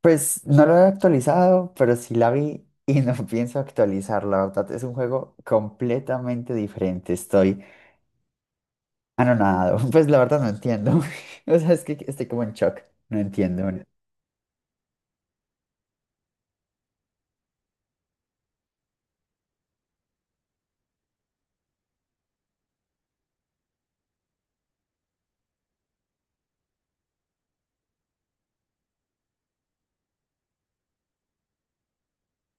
Pues no lo he actualizado, pero sí la vi y no pienso actualizar, la verdad. Es un juego completamente diferente. Estoy anonadado. Pues la verdad no entiendo. O sea, es que estoy como en shock. No entiendo. No,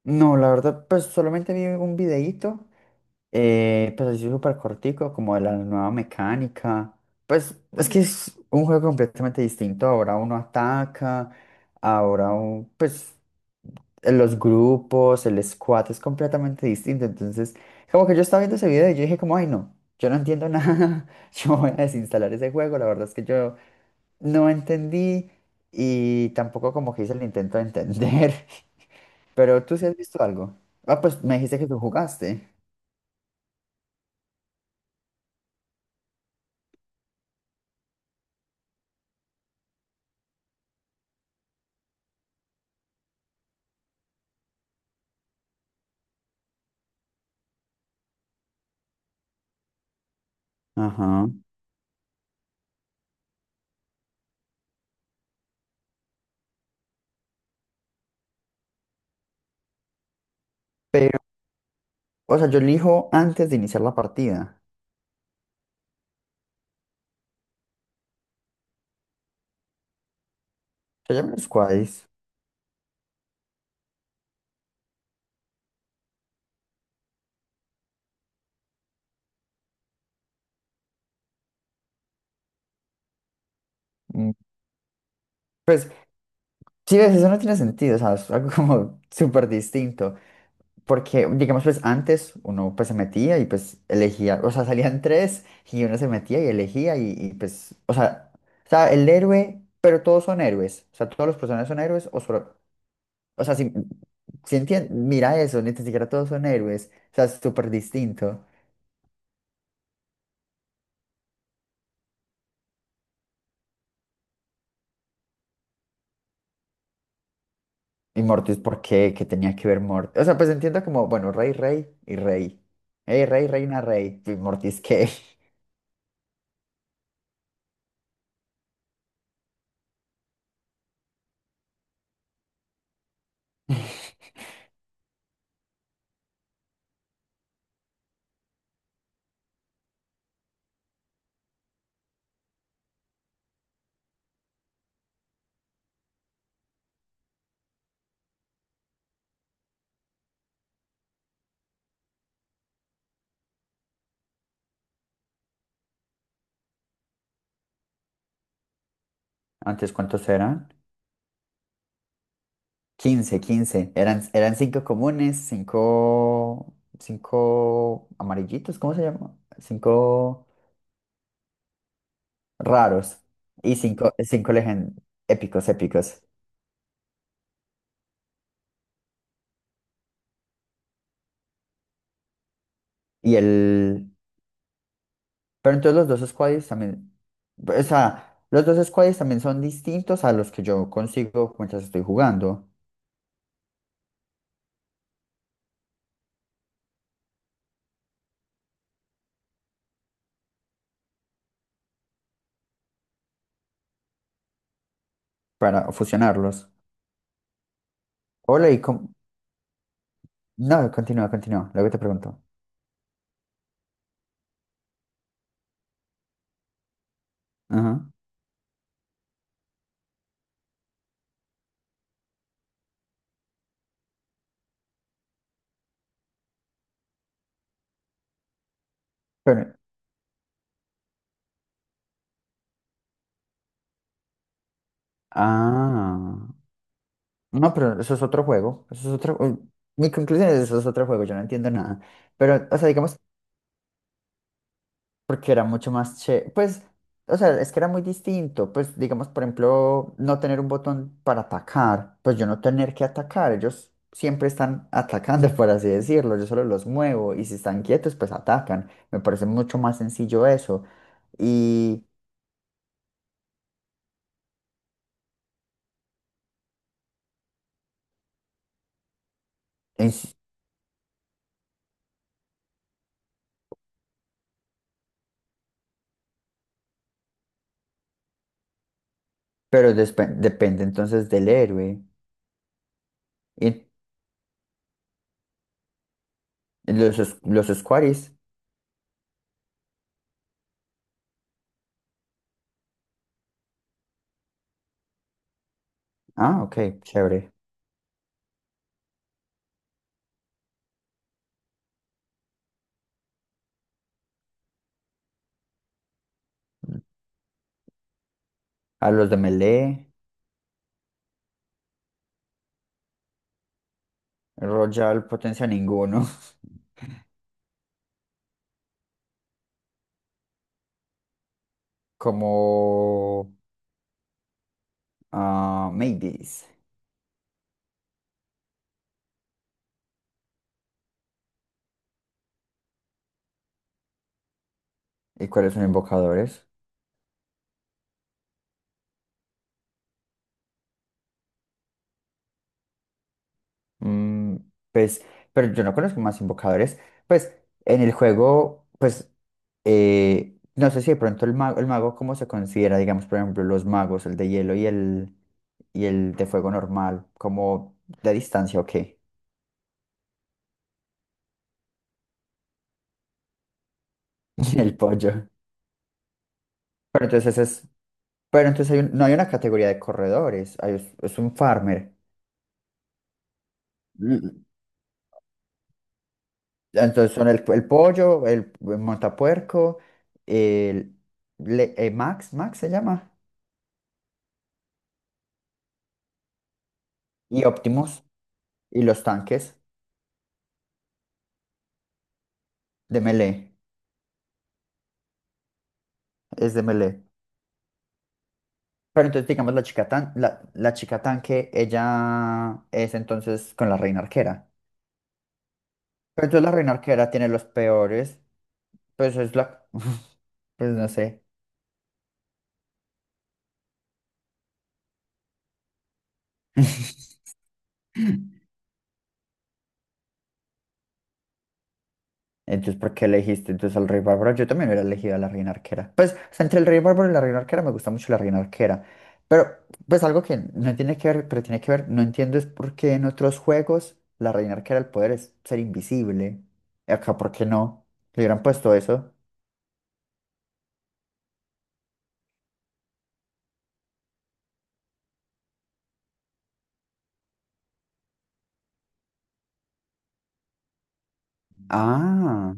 no, la verdad, pues solamente vi un videíto, pues así súper cortico, como de la nueva mecánica. Pues es que es un juego completamente distinto. Ahora uno ataca, pues los grupos, el squat es completamente distinto. Entonces, como que yo estaba viendo ese video y yo dije como, ay no, yo no entiendo nada, yo voy a desinstalar ese juego, la verdad es que yo no entendí y tampoco como que hice el intento de entender, pero tú sí has visto algo. Ah, pues me dijiste que tú jugaste. Ajá. Pero, o sea, yo elijo antes de iniciar la partida. Se llaman squads. Mm, Pues, sí, ves, eso no tiene sentido, o sea, es algo como súper distinto. Porque, digamos, pues antes uno pues se metía y pues elegía, o sea, salían tres y uno se metía y elegía pues, o sea, el héroe, pero todos son héroes, o sea, todos los personajes son héroes o solo, o sea, mira eso, ni tan siquiera todos son héroes, o sea, es súper distinto. Y Mortis, ¿por qué? ¿Qué tenía que ver Mortis? O sea, pues entiendo como, bueno, rey, rey y rey. Hey, rey, reina, rey. ¿Y Mortis qué? Antes, ¿cuántos eran? 15, 15. Eran cinco comunes, cinco amarillitos, ¿cómo se llama? Cinco raros y cinco épicos, épicos. Y el... Pero entonces los dos squaddies también... O sea, los dos squaddies también son distintos a los que yo consigo mientras estoy jugando para fusionarlos. Hola, no, continúa, continúa. Luego te pregunto. Ajá. Pero... Ah. No, pero eso es otro juego. Mi conclusión es eso es otro juego, yo no entiendo nada. Pero, o sea, digamos, porque era mucho más che. Pues, o sea, es que era muy distinto. Pues, digamos, por ejemplo, no tener un botón para atacar. Pues yo no tener que atacar. Ellos siempre están atacando, por así decirlo. Yo solo los muevo y si están quietos, pues atacan. Me parece mucho más sencillo eso. Y... es- Pero depende entonces del héroe. Y los squares. Ah, ok, chévere. A los de melee, Royal potencia ninguno. Como a Mavis. ¿Y cuáles son invocadores? Mm, pues, pero yo no conozco más invocadores. Pues en el juego, pues no sé si de pronto el mago, cómo se considera, digamos, por ejemplo, los magos, el de hielo y el de fuego normal, como de distancia o qué. El pollo. Pero entonces es, pero entonces no hay una categoría de corredores, es un farmer. Mm, Entonces son el pollo, el montapuerco, el Max se llama, y Optimus, y los tanques de melee, es de melee. Pero entonces digamos la chica tanque, ella es entonces con la reina arquera. Pero entonces la reina arquera tiene los peores, pues es la, pues no sé. Entonces, ¿por qué elegiste entonces al rey bárbaro? Yo también hubiera elegido a la reina arquera. Pues, o sea, entre el rey bárbaro y la reina arquera me gusta mucho la reina arquera. Pero, pues algo que no tiene que ver, pero tiene que ver, no entiendo es por qué en otros juegos la reina arquera el poder es ser invisible. Y acá, ¿por qué no? Le hubieran puesto eso. Ah,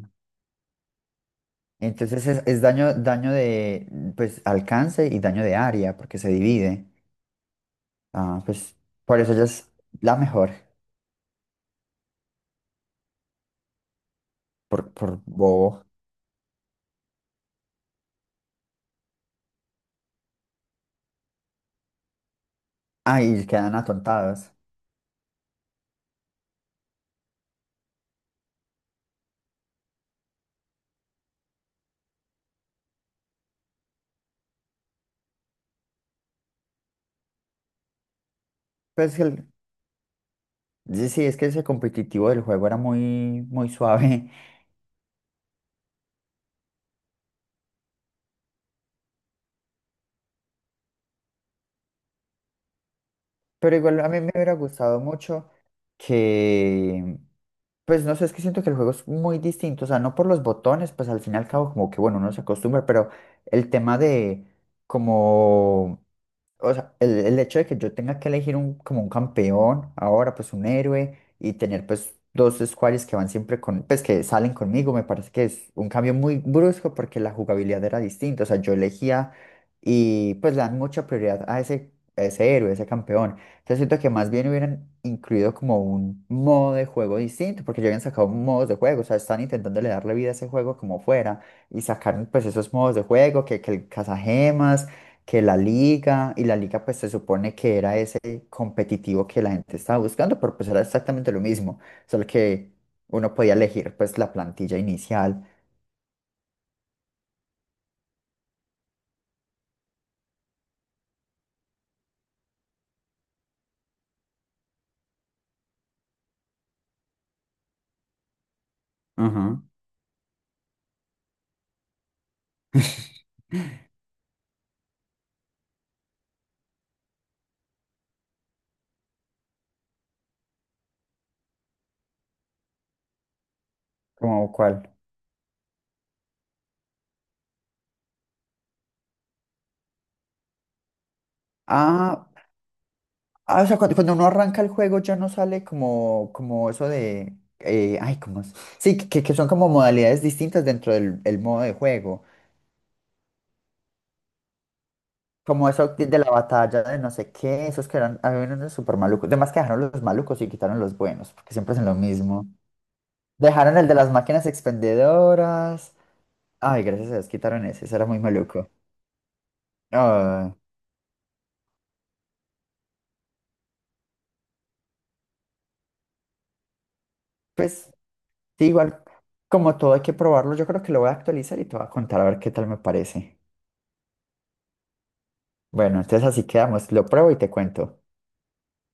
entonces es, daño, de, pues, alcance y daño de área, porque se divide. Ah, pues, por eso ella es la mejor, por bobo. Ay, quedan atontados. Pues el, Sí, sí, es que ese competitivo del juego era muy, muy suave, pero igual a mí me hubiera gustado mucho que, pues no sé, es que siento que el juego es muy distinto, o sea, no por los botones, pues al fin y al cabo como que bueno, uno se acostumbra, pero el tema de como, o sea, el hecho de que yo tenga que elegir un, como un campeón ahora, pues un héroe y tener pues dos squares que van siempre con, pues que salen conmigo, me parece que es un cambio muy brusco porque la jugabilidad era distinta. O sea, yo elegía y pues le dan mucha prioridad a ese héroe, a ese campeón. Entonces siento que más bien hubieran incluido como un modo de juego distinto porque ya habían sacado modos de juego. O sea, están intentando darle vida a ese juego como fuera y sacaron pues esos modos de juego que el cazagemas que la liga, y la liga pues se supone que era ese competitivo que la gente estaba buscando, pero pues era exactamente lo mismo, solo que uno podía elegir pues la plantilla inicial. Ajá. ¿Como cuál? Ah, ah, o sea, cuando uno arranca el juego ya no sale como, eso de, ay, ¿cómo es? Sí, que son como modalidades distintas dentro del el modo de juego. Como eso de la batalla de no sé qué, esos que eran, había unos súper malucos. Además que dejaron los malucos y quitaron los buenos, porque siempre es lo mismo. Dejaron el de las máquinas expendedoras. Ay, gracias a Dios quitaron ese, ese era muy maluco. Ah, pues, sí, igual, como todo hay que probarlo, yo creo que lo voy a actualizar y te voy a contar a ver qué tal me parece. Bueno, entonces así quedamos, lo pruebo y te cuento.